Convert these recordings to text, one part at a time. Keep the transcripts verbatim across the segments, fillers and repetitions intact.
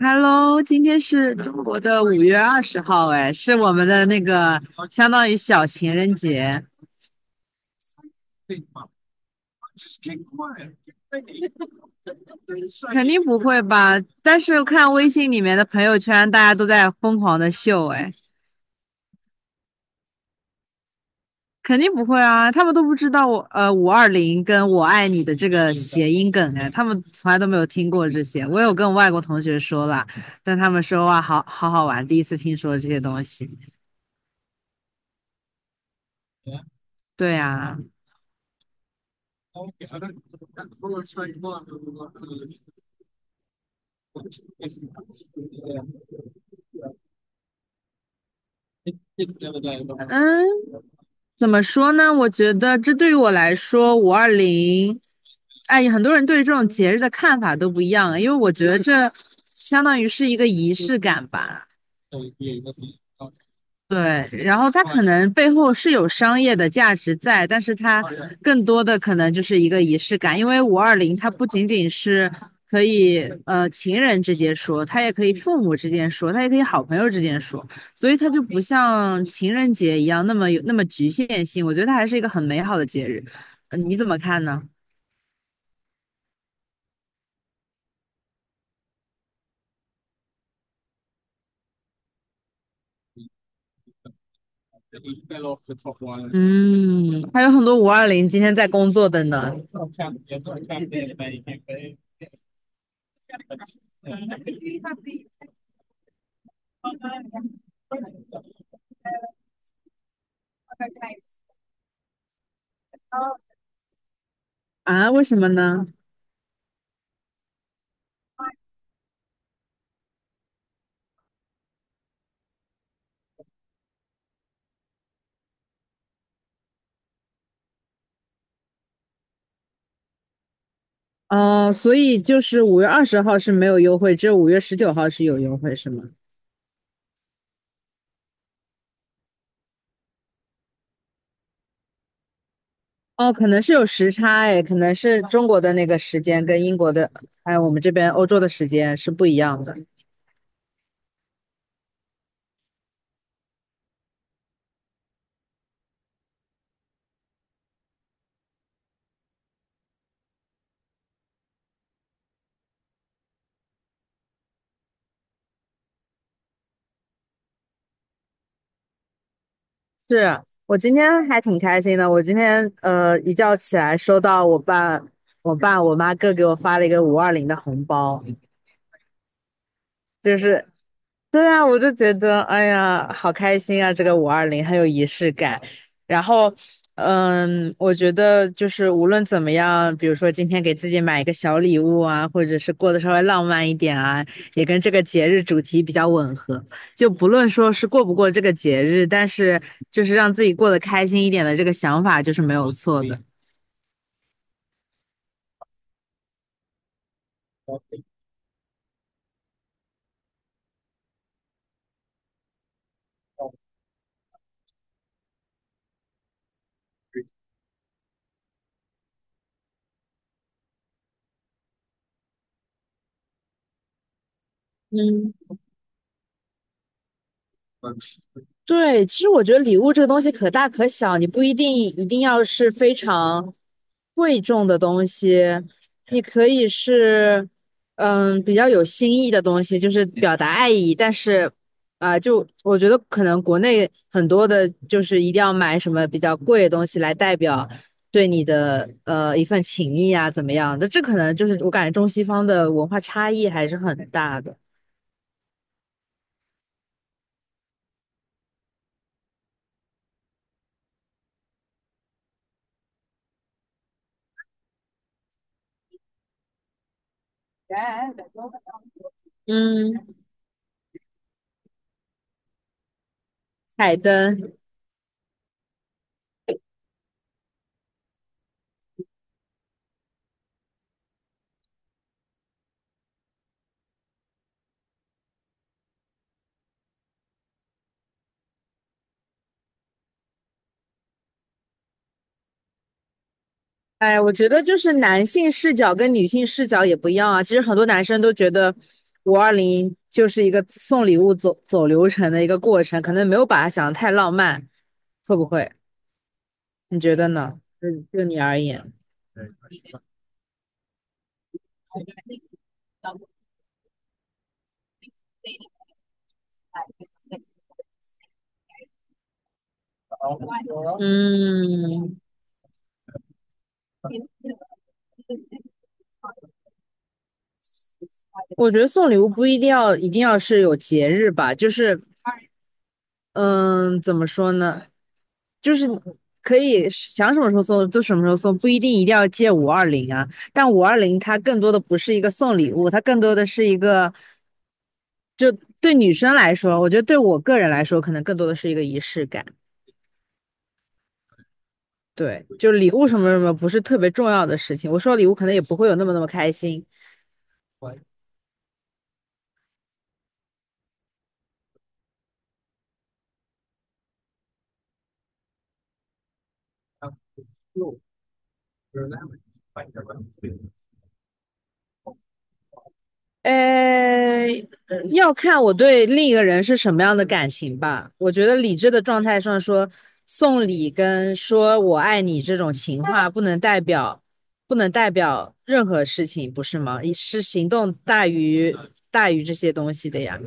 Hello，今天是中国的五月二十号，哎，是我们的那个相当于小情人节，肯定不会吧？但是看微信里面的朋友圈，大家都在疯狂的秀，哎，肯定不会啊，他们都不知道我呃五二零跟我爱你的这个谐音梗，哎，他们从来都没有听过这些。我有跟外国同学说了，但他们说哇，好好好玩，第一次听说这些东西。对啊。嗯，怎么说呢？我觉得这对于我来说，五二零，哎，很多人对于这种节日的看法都不一样，因为我觉得这相当于是一个仪式感吧。对，然后它可能背后是有商业的价值在，但是它更多的可能就是一个仪式感，因为五二零它不仅仅是可以呃情人之间说，它也可以父母之间说，它也可以好朋友之间说，所以它就不像情人节一样那么有那么局限性，我觉得它还是一个很美好的节日，呃你怎么看呢？嗯，还有很多五二零今天在工作的呢，啊，为什么呢？哦，所以就是五月二十号是没有优惠，只有五月十九号是有优惠，是吗？哦，可能是有时差哎，可能是中国的那个时间跟英国的，还有我们这边欧洲的时间是不一样的。是我今天还挺开心的，我今天呃一觉起来收到我爸、我爸、我妈各给我发了一个五二零的红包，就是，对啊，我就觉得，哎呀，好开心啊！这个五二零很有仪式感。然后，嗯，我觉得就是无论怎么样，比如说今天给自己买一个小礼物啊，或者是过得稍微浪漫一点啊，也跟这个节日主题比较吻合。就不论说是过不过这个节日，但是就是让自己过得开心一点的这个想法就是没有错的。嗯，对，其实我觉得礼物这个东西可大可小，你不一定一定要是非常贵重的东西，你可以是嗯比较有新意的东西，就是表达爱意。但是啊、就我觉得可能国内很多的，就是一定要买什么比较贵的东西来代表对你的呃一份情谊啊，怎么样的？这可能就是我感觉中西方的文化差异还是很大的。嗯，彩灯。哎，我觉得就是男性视角跟女性视角也不一样啊。其实很多男生都觉得五二零就是一个送礼物走走流程的一个过程，可能没有把它想得太浪漫，会不会？你觉得呢？就就你而言，嗯，我觉得送礼物不一定要一定要是有节日吧，就是嗯，怎么说呢？就是可以想什么时候送就什么时候送，不一定一定要借五二零啊。但五二零它更多的不是一个送礼物，它更多的是一个。就对女生来说，我觉得对我个人来说，可能更多的是一个仪式感。对，就礼物什么什么不是特别重要的事情。我收到礼物可能也不会有那么那么开心。呃，嗯要看我对另一个人是什么样的感情吧。我觉得理智的状态上说，送礼跟说我爱你这种情话不能代表，不能代表任何事情，不是吗？是行动大于大于这些东西的呀。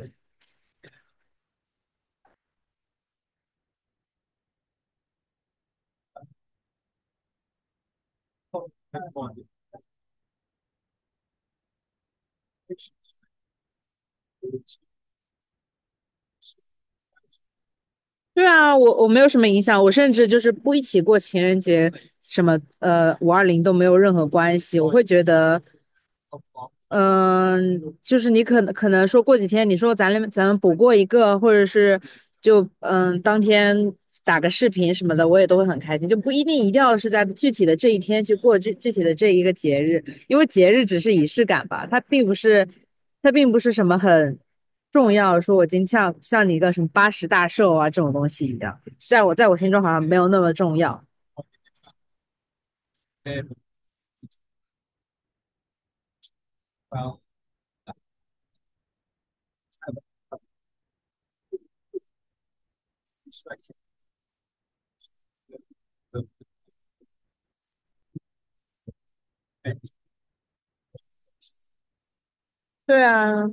对啊，我我没有什么影响，我甚至就是不一起过情人节，什么呃五二零都没有任何关系。我会觉得嗯，就是你可能可能说过几天，你说咱俩咱们补过一个，或者是就嗯当天打个视频什么的，我也都会很开心，就不一定一定要是在具体的这一天去过这具体的这一个节日，因为节日只是仪式感吧，它并不是它并不是什么很重要，说我今天像像你一个什么八十大寿啊这种东西一样，在我在我心中好像没有那么重要。对啊，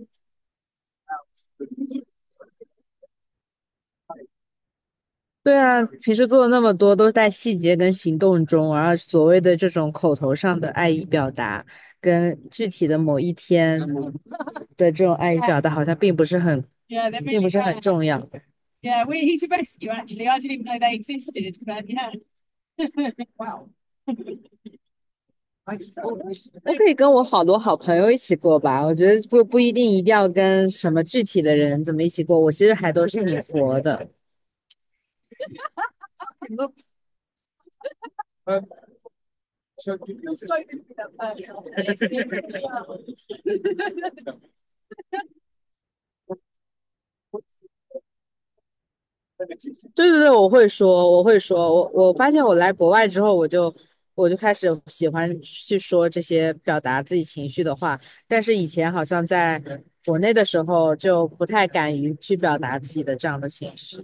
对啊，平时做的那么多，都是在细节跟行动中，而所谓的这种口头上的爱意表达，跟具体的某一天的这种爱意表达，好像并不是很 并 really 不 really 是很 rare. 重要。Yeah, we, he's a rescue actually. I didn't even know they existed, but yeah. 我可以跟我好多好朋友一起过吧，我觉得不不一定一定要跟什么具体的人怎么一起过，我其实还都是挺佛的。对对对，我会说，我会说，我我发现我来国外之后，我就我就开始喜欢去说这些表达自己情绪的话，但是以前好像在国内的时候就不太敢于去表达自己的这样的情绪。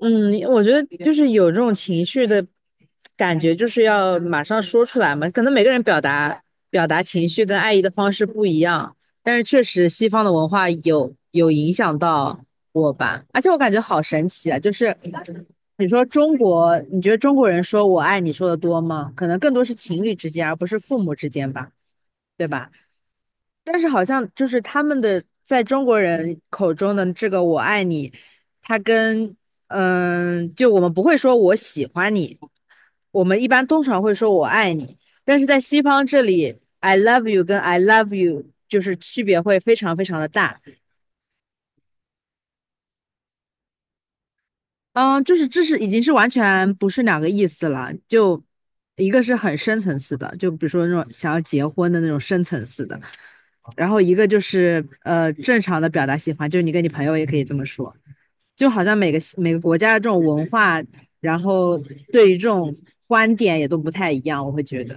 嗯，我觉得就是有这种情绪的感觉就是要马上说出来嘛。可能每个人表达表达情绪跟爱意的方式不一样，但是确实西方的文化有有影响到我吧。而且我感觉好神奇啊，就是你说中国，你觉得中国人说我爱你说的多吗？可能更多是情侣之间，而不是父母之间吧，对吧？但是好像就是他们的在中国人口中的这个"我爱你"，它跟嗯，就我们不会说我喜欢你，我们一般通常会说我爱你，但是在西方这里，I love you 跟 I love you 就是区别会非常非常的大。嗯，就是这是已经是完全不是两个意思了，就一个是很深层次的，就比如说那种想要结婚的那种深层次的，然后一个就是呃正常的表达喜欢，就是你跟你朋友也可以这么说。就好像每个每个国家的这种文化，然后对于这种观点也都不太一样，我会觉得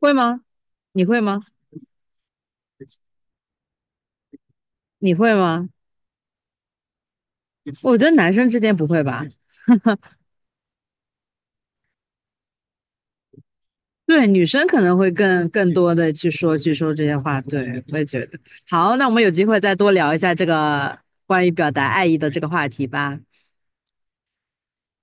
会吗？你会吗？你会吗？我觉得男生之间不会吧。对，女生可能会更更多的去说去说这些话，对，我也觉得。好，那我们有机会再多聊一下这个关于表达爱意的这个话题吧。